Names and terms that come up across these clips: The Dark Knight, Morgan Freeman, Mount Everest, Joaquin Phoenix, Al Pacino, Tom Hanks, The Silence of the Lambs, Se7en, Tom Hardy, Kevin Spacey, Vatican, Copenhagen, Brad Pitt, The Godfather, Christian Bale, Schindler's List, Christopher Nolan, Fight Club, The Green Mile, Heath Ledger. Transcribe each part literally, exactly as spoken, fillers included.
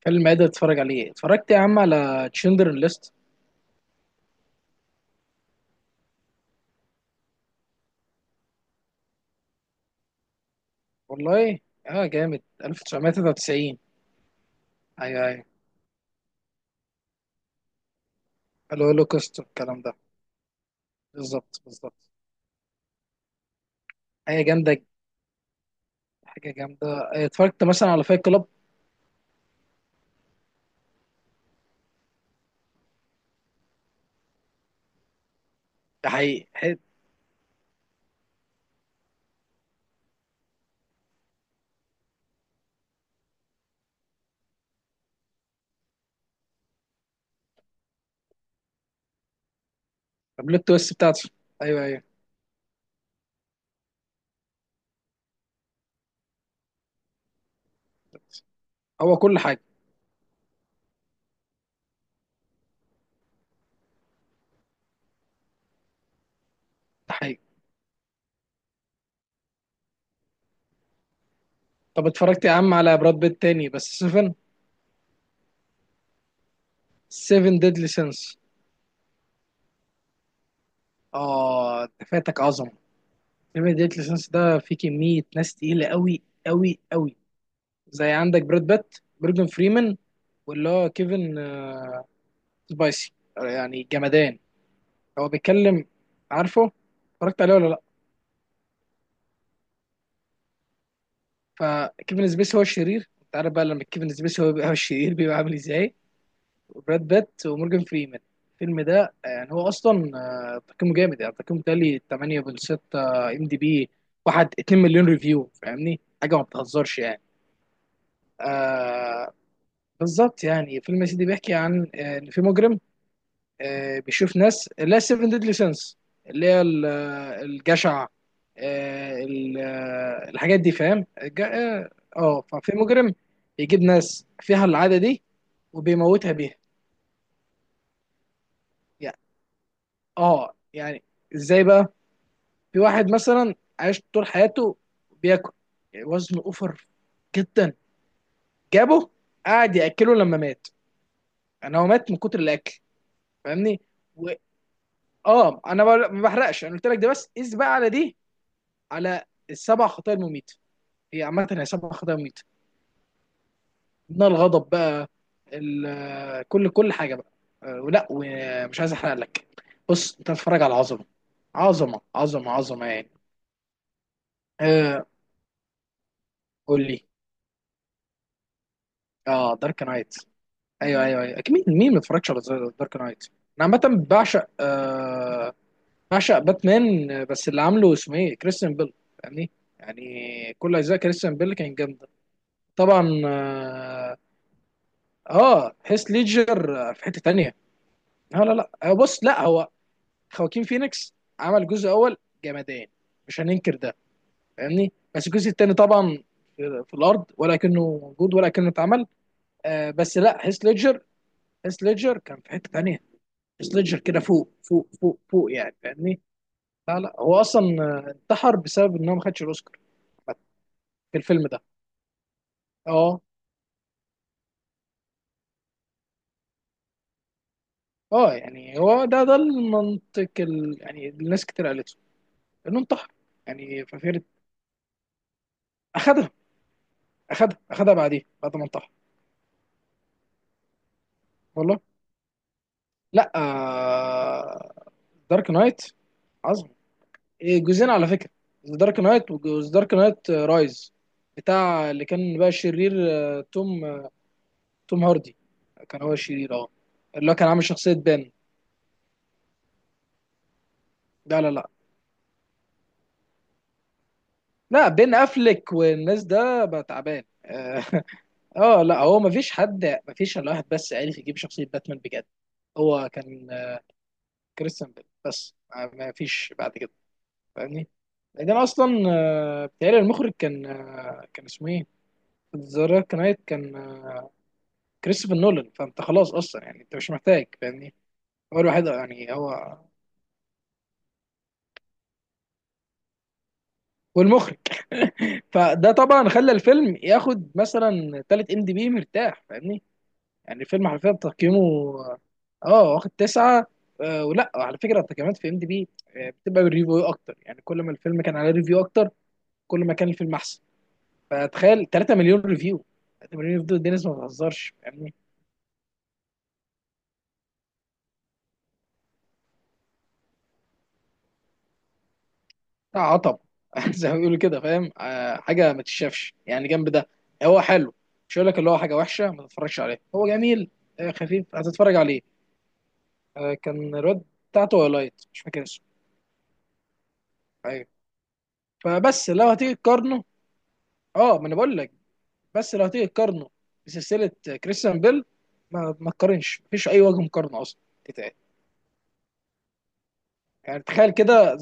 فيلم ايه ده تتفرج عليه؟ اتفرجت يا عم على تشندر ليست. والله، اه جامد. ألف وتسعمية تلاتة وتسعين. ايوه، ايوه، الهولوكوست والكلام ده. بالظبط، بالظبط. حاجه جامده، حاجه جامده. آه، اتفرجت مثلا على فايت كلاب. ده حقيقي حلو. البلوت تويست بتاعته. ايوه، ايوه. هو كل حاجه. ده حقيقي. طب اتفرجت يا عم على براد بيت تاني بس سبعة. سبعة ديدلي سينس. اه، ده فاتك عظمه. سبعة ديدلي سينس ده فيه كميه ناس تقيله قوي قوي قوي. زي عندك براد بيت، مورجان فريمان، واللي هو كيفن آه، سبايسي. آه، يعني جمدان، هو بيتكلم. عارفه، اتفرجت عليه ولا لا؟ فكيفن سبيسي هو الشرير. انت عارف بقى لما كيفن سبيسي هو بيبقى هو الشرير، بيبقى عامل ازاي. وبراد بيت ومورجان فريمان. الفيلم ده آه، يعني هو اصلا آه، تقييمه جامد، يعني تقييمه تالي تمنية فاصلة ستة ام دي بي. واحد اتنين مليون ريفيو، فاهمني، حاجه ما بتهزرش يعني. آه، بالظبط. يعني فيلم يا سيدي بيحكي عن آه، ان في مجرم، آه، بيشوف ناس اللي هي سبعة ديدلي سينس، اللي هي ال- آه، الجشع، آه، ال- آه، الحاجات دي. فاهم الج- اه. آه، ففي مجرم يجيب ناس فيها العادة دي وبيموتها بيها. يعني اه، يعني ازاي بقى. في واحد مثلا عاش طول حياته بياكل، وزنه اوفر جدا، جابه قعد ياكله لما مات. انا، هو مات من كتر الاكل. فاهمني. و... اه، انا بقول- ما بحرقش، انا قلت لك ده بس قيس بقى على دي، على السبع خطايا المميتة. هي عامة هي سبع خطايا مميتة، منها الغضب بقى، ال- كل كل حاجة بقى. آه، ولا ومش عايز احرق لك. بص انت بتتفرج على عظمة، عظمة عظمة عظمة يعني. آه، قول لي. اه، دارك نايت. ايوه ايوه ايوه، أكيد. مين، مين ما اتفرجش على دارك نايت. انا عامة بعشق آه، بعشق باتمان. آه، بس اللي عامله اسمه ايه، كريستيان بيل. فاهمني، يعني كل اجزاء كريستيان بيل كان جامدة. طبعا آه. اه، هيث ليدجر في حته تانية. لا لا لا، آه، بص، لا هو خواكين فينيكس عمل جزء اول جمدان، مش هننكر ده. فاهمني، بس الجزء التاني طبعا في في الارض، ولا كأنه موجود ولا كأنه اتعمل. آه، بس لا، هيث ليدجر. هيث ليدجر كان في حته تانية. هيث ليدجر كده فوق فوق فوق فوق، يعني فاهمني. لا لا، هو اصلا آه، انتحر بسبب ان هو ما خدش الاوسكار في الفيلم ده. اه. اه، يعني هو ده، ده المنطق ال... يعني الناس كتير قالته، انه انتحر يعني. ففكره اخدها، اخدها اخدها بعديه، بعد ما انطح. والله. لا آه... دارك نايت عظم. إيه، جزئين على فكره، دارك نايت وجزء دارك نايت رايز، بتاع اللي كان بقى شرير. آه، توم آه، توم هاردي كان هو الشرير. اه، اللي هو كان عامل شخصيه بين. لا لا لا لا، بين افلك والناس، ده بقى تعبان اه. آه، لا، هو ما فيش حد، ما فيش الا واحد بس عارف يجيب شخصيه باتمان بجد. هو كان آه، كريستيان بيل. بس ما ما فيش بعد كده. فاهمني. بعدين اصلا آه، بتهيألي المخرج كان آه، كان اسمه ايه؟ ذا دارك نايت كان آه، كريستوفر نولان. فانت خلاص اصلا يعني، انت مش محتاج، فاهمني؟ هو الوحيد يعني، هو والمخرج. فده طبعا خلى الفيلم ياخد مثلا تالت ام دي بي مرتاح، فاهمني؟ يعني الفيلم حرفيا تقييمه اه، آه، واخد تسعة. آه، ولا على فكرة التقييمات في ام دي بي آه، بتبقى بالريفيو اكتر، يعني كل ما الفيلم كان على ريفيو اكتر، كل ما كان الفيلم احسن. فتخيل تلاتة مليون ريفيو. تلاتة مليون ريفيو دول الناس ما بتهزرش، فاهمني. ده عطب. زي ما بيقولوا كده، فاهم آه، حاجه ما تتشافش يعني جنب ده. هو حلو، مش هقول لك اللي هو حاجه وحشه ما تتفرجش عليه، هو جميل. آه، خفيف هتتفرج عليه. آه، كان الواد بتاعته هو لايت، مش فاكر اسمه. ايوه. فبس لو هتيجي تقارنه. اه، ما انا بقول لك، بس لو هتيجي تقارنه بسلسله كريستيان بيل، ما ما تقارنش، مفيش اي وجه مقارنه اصلا تتقال. يعني تخيل كده.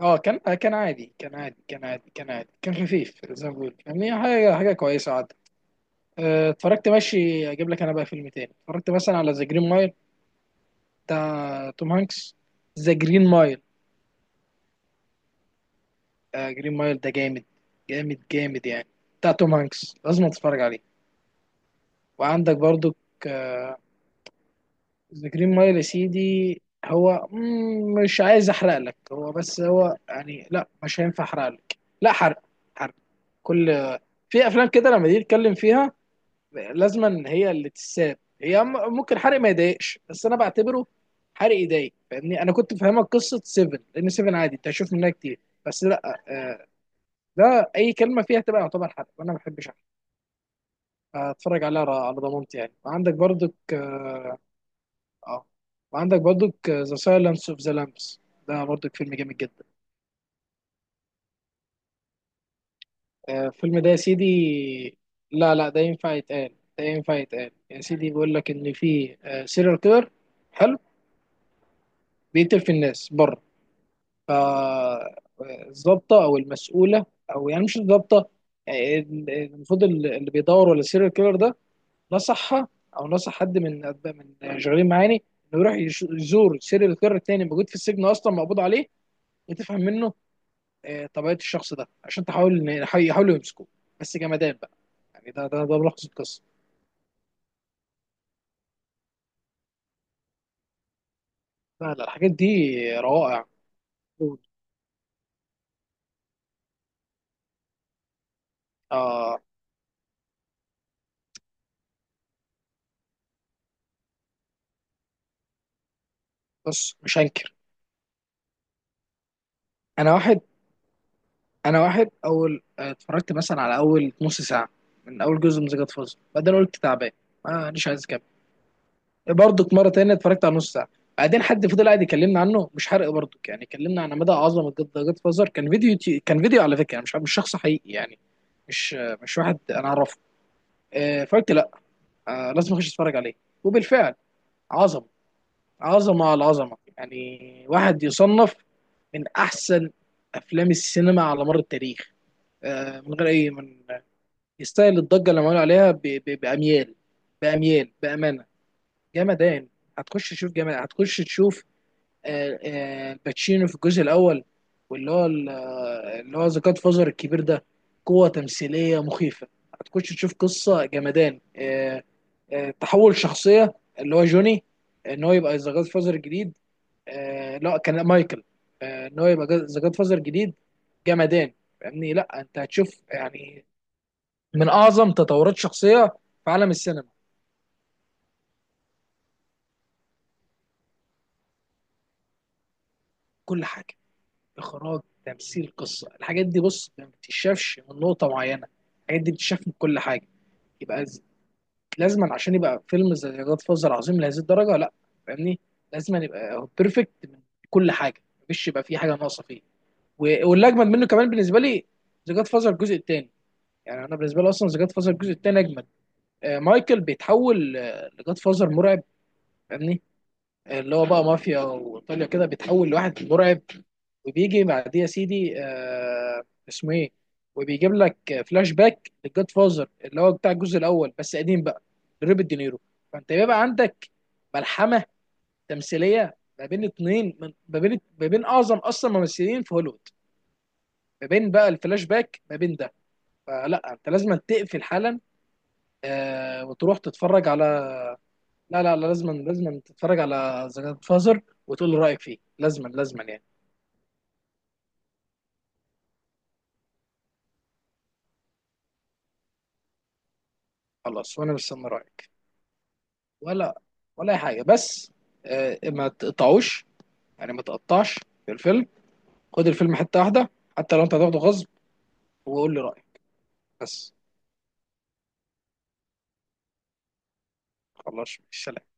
اه، كان آه، كان عادي، كان عادي كان عادي كان عادي، كان خفيف زي ما بقول، يعني حاجه، حاجه كويسه عادي. آه، اتفرجت ماشي. اجيب لك انا بقى فيلم تاني، اتفرجت مثلا على ذا جرين مايل بتاع توم هانكس. ذا جرين مايل. جرين مايل ده جامد، جامد جامد يعني. بتاع توم هانكس، لازم تتفرج عليه. وعندك برضو ذا جرين مايل. يا سيدي هو، مم، مش عايز احرق لك. هو بس، هو يعني لا، مش هينفع احرق لك. لا، حرق. حرق كل، في افلام كده لما تيجي تتكلم فيها لازما هي اللي تتساب. هي م- ممكن حرق ما يضايقش، بس انا بعتبره حرق يضايق. فاهمني، انا كنت فاهمك قصه سبعة لان سبعة عادي انت هتشوف منها كتير. بس لا، آه، ده اي كلمه فيها تبقى يعتبر حرق، وانا ما بحبش احرق. هتفرج عليها را- على ضمانتي يعني. وعندك برضك اه، آه، وعندك برضك ذا سايلنس اوف ذا لامبس، ده برضك فيلم جامد جدا. آه، الفيلم ده يا سيدي، لا لا، ده ينفع يتقال، ده ينفع يتقال. يا سيدي، بيقول لك ان في سيريال كيلر، حلو، بيقتل في الناس بره. فالظابطة أو المسؤولة، أو يعني مش الظابطة، يعني المفروض اللي بيدور ولا السيريال كيلر ده نصحها، أو نصح حد من من شغالين معاني، إنه يروح يش- يزور السيريال كيلر التاني موجود في السجن أصلا، مقبوض عليه، وتفهم منه آه، طبيعة الشخص ده، عشان تحاول إن- يحاول- يحاولوا يمسكوه. بس جمدان بقى. يعني ده ده ده ملخص القصة. لا لا، الحاجات دي روائع. آه، بص مش هنكر. أنا واحد، انا واحد اول آه، اتفرجت مثلا على اول نص ساعه من اول جزء من ذا جاد فازر، بعدين قلت تعبان، ما مش عايز اكمل. برضك مره تانية اتفرجت على نص ساعه، بعدين حد فضل قاعد يكلمنا عنه، مش حرق برضك يعني، كلمنا عن مدى عظمه ذا جاد فازر. كان فيديو يوتيوب، كان فيديو على فكره يعني، مش مش شخص حقيقي يعني، مش مش واحد انا اعرفه. آه، فقلت لا، آه، لازم اخش اتفرج عليه. وبالفعل عظمه، عظمه على عظمه، يعني واحد يصنف من احسن افلام السينما على مر التاريخ. آه، من غير اي من، يستاهل الضجه اللي عملوا عليها ب... ب... باميال. باميال بامانه. جمدان. هتخش تشوف، جمدان هتخش تشوف. آه، آه، الباتشينو في الجزء الاول، واللي هو ال- آه، اللي هو ذا جاد فازر الكبير ده. قوه تمثيليه مخيفه. هتخش تشوف قصه جمدان. آه، آه، تحول شخصيه اللي هو جوني، آه، ان هو يبقى ذا جاد فازر الجديد. آه، لا كان مايكل، آه، ان هو يبقى ذا جاد فازر الجديد. جمدان. فاهمني، لا انت هتشوف يعني من اعظم تطورات شخصيه في عالم السينما. كل حاجه، اخراج تمثيل قصه. الحاجات دي بص ما بتتشافش من نقطه معينه، الحاجات دي بتتشاف من كل حاجه. يبقى ز- لازما عشان يبقى فيلم زي جاد فازر عظيم لهذه الدرجه لا، فاهمني، لازما يبقى بيرفكت من كل حاجه، مفيش يبقى فيه حاجه ناقصه فيه. و- والاجمد منه كمان بالنسبه لي ذا جاد فازر الجزء الثاني. يعني انا بالنسبه لي اصلا ذا جاد فازر الجزء الثاني اجمد. آه، مايكل بيتحول آه، لجاد فازر مرعب. فاهمني، اللي هو بقى مافيا وايطاليا كده، بيتحول لواحد مرعب. وبيجي بعديه يا سيدي آه، اسمه ايه، وبيجيب لك فلاش باك للجاد فازر اللي هو بتاع الجزء الاول بس قديم بقى، لروبرت دينيرو. فانت بيبقى عندك ملحمه تمثيليه ما بين اتنين، من ما بين ما بين اعظم اصلا ممثلين في هوليوود، ما بين بقى الفلاش باك ما بين ده. فلا، انت لازم تقفل حالا آه وتروح تتفرج على. لا لا لا، لازما لازما تتفرج على ذا جاد فازر، وتقول لي رايك فيه، لازما لازما يعني. خلاص، وانا مستني رايك، ولا ولا اي حاجه. بس آه، ما تقطعوش، يعني ما تقطعش في الفيلم. خد الفيلم حته واحده، حتى لو انت هتاخده غصب، وقول لي رايك بس. خلاص سلام.